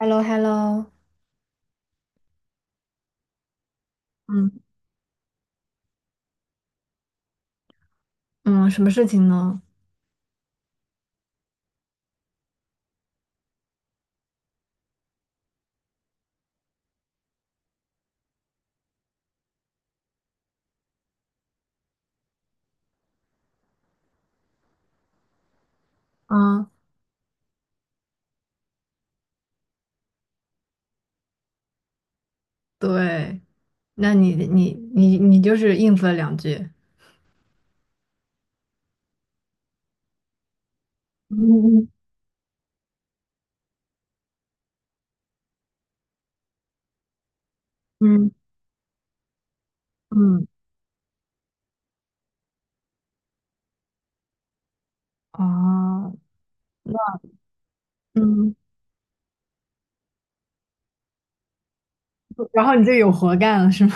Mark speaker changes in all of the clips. Speaker 1: h e l l o h e l l o 嗯嗯，什么事情呢？啊，对。那你就是应付了两句。嗯嗯嗯，哦，那嗯，然后你就有活干了是吗？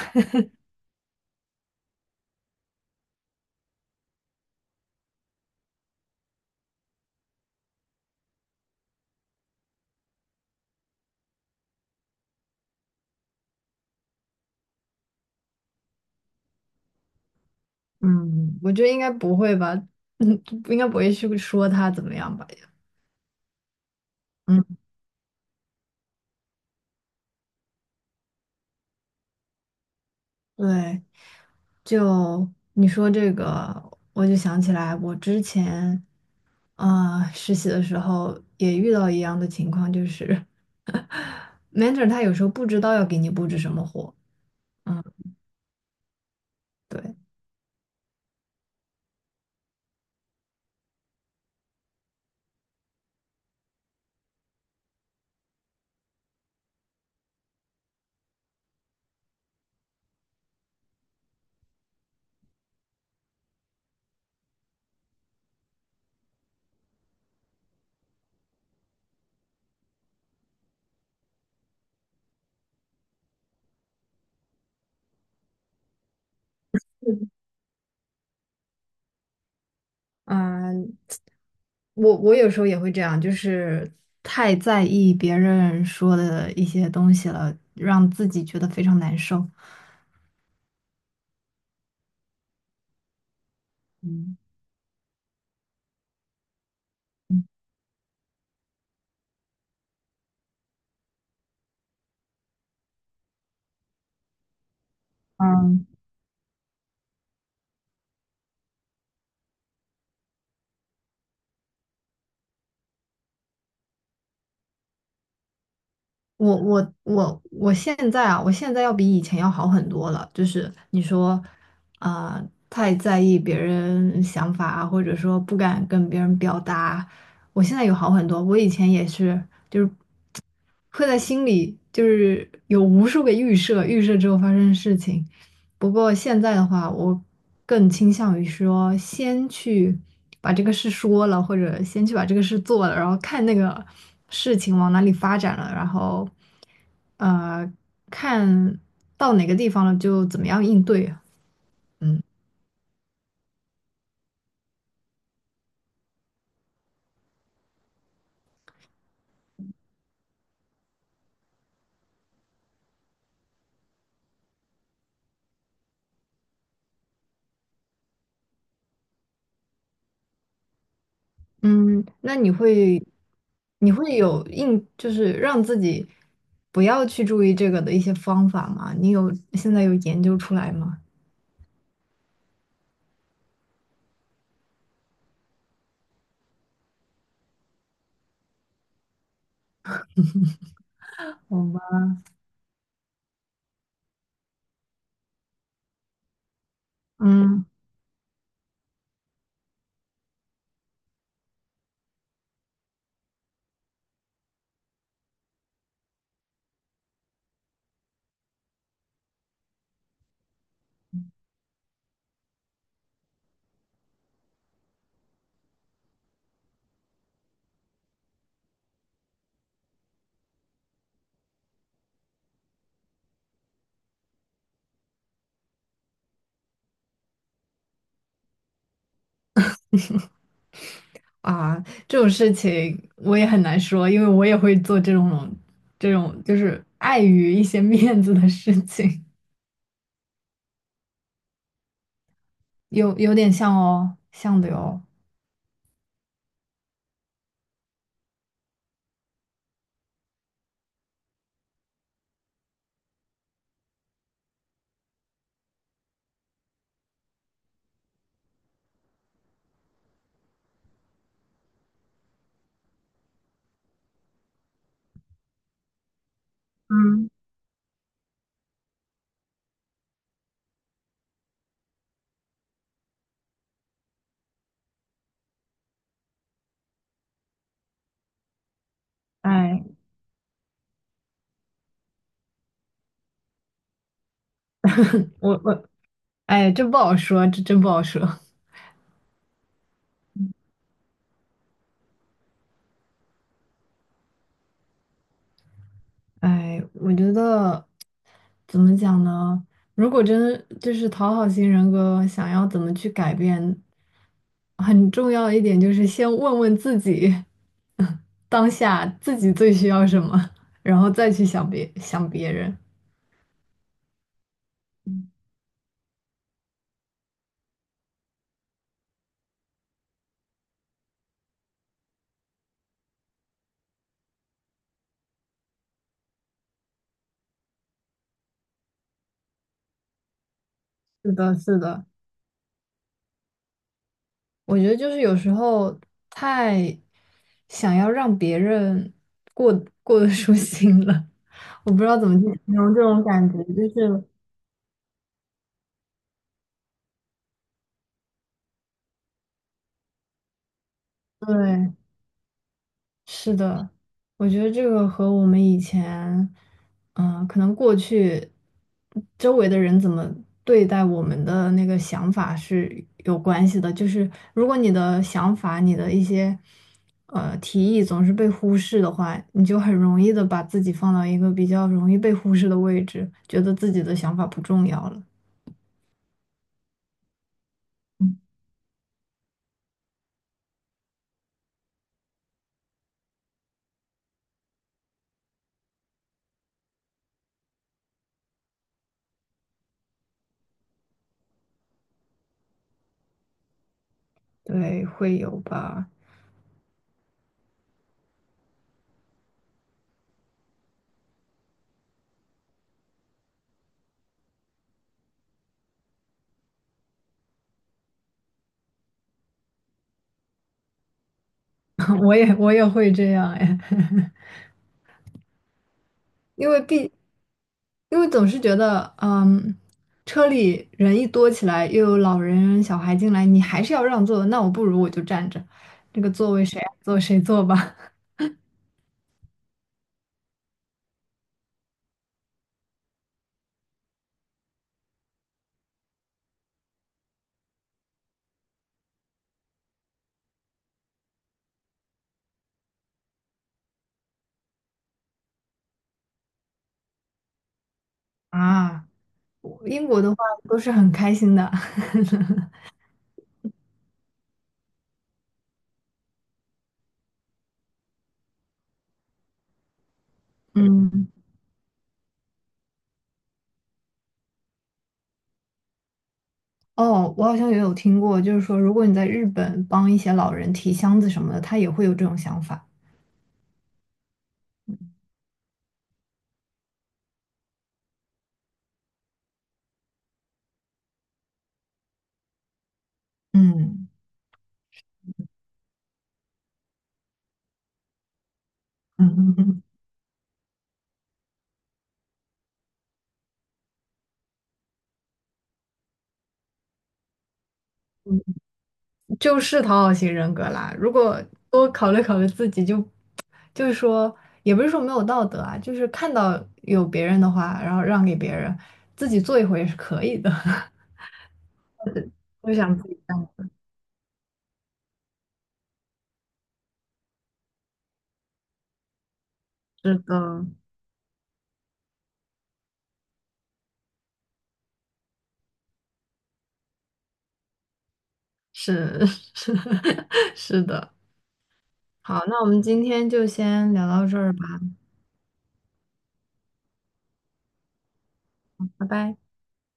Speaker 1: 嗯，我觉得应该不会吧。嗯，应该不会去说他怎么样吧？嗯，对，就你说这个，我就想起来我之前，啊、实习的时候也遇到一样的情况，就是。Mentor 他有时候不知道要给你布置什么活。嗯，对。嗯嗯我有时候也会这样，就是太在意别人说的一些东西了，让自己觉得非常难受。嗯，嗯我现在啊，我现在要比以前要好很多了。就是你说，啊、太在意别人想法啊，或者说不敢跟别人表达，我现在有好很多。我以前也是，会在心里就是有无数个预设，预设之后发生的事情。不过现在的话，我更倾向于说，先去把这个事说了，或者先去把这个事做了，然后看那个事情往哪里发展了，然后呃，看到哪个地方了就怎么样应对。嗯。嗯，那你会，你会有应，就是让自己不要去注意这个的一些方法吗？你有，现在有研究出来吗？好吧。嗯，啊，这种事情我也很难说，因为我也会做这种，就是碍于一些 面子的事情。有点像哦，像的哟。嗯，哎，我哎，这不好说，这真不好说。哎，我觉得怎么讲呢？如果真就是讨好型人格，想要怎么去改变，很重要一点就是先问问自己，当下自己最需要什么，然后再去想别人。是的，是的。我觉得就是有时候太想要让别人过过得舒心了，我不知道怎么去形容这种感觉，就是对。是的，我觉得这个和我们以前，可能过去周围的人怎么对待我们的那个想法是有关系的。就是如果你的想法、你的一些提议总是被忽视的话，你就很容易的把自己放到一个比较容易被忽视的位置，觉得自己的想法不重要了。对，会有吧？我也会这样哎。因为毕，因为总是觉得，嗯，车里人一多起来，又有老人小孩进来，你还是要让座，那我不如我就站着，这个座位谁爱坐谁坐吧。啊，我英国的话都是很开心的。嗯，哦，我好像也有听过，就是说，如果你在日本帮一些老人提箱子什么的，他也会有这种想法。嗯嗯嗯嗯，就是讨好型人格啦。如果多考虑考虑自己，就是说，也不是说没有道德啊，就是看到有别人的话，然后让给别人，自己做一回也是可以的。我想自己干。是的，是 是是的，好，那我们今天就先聊到这儿吧，拜拜。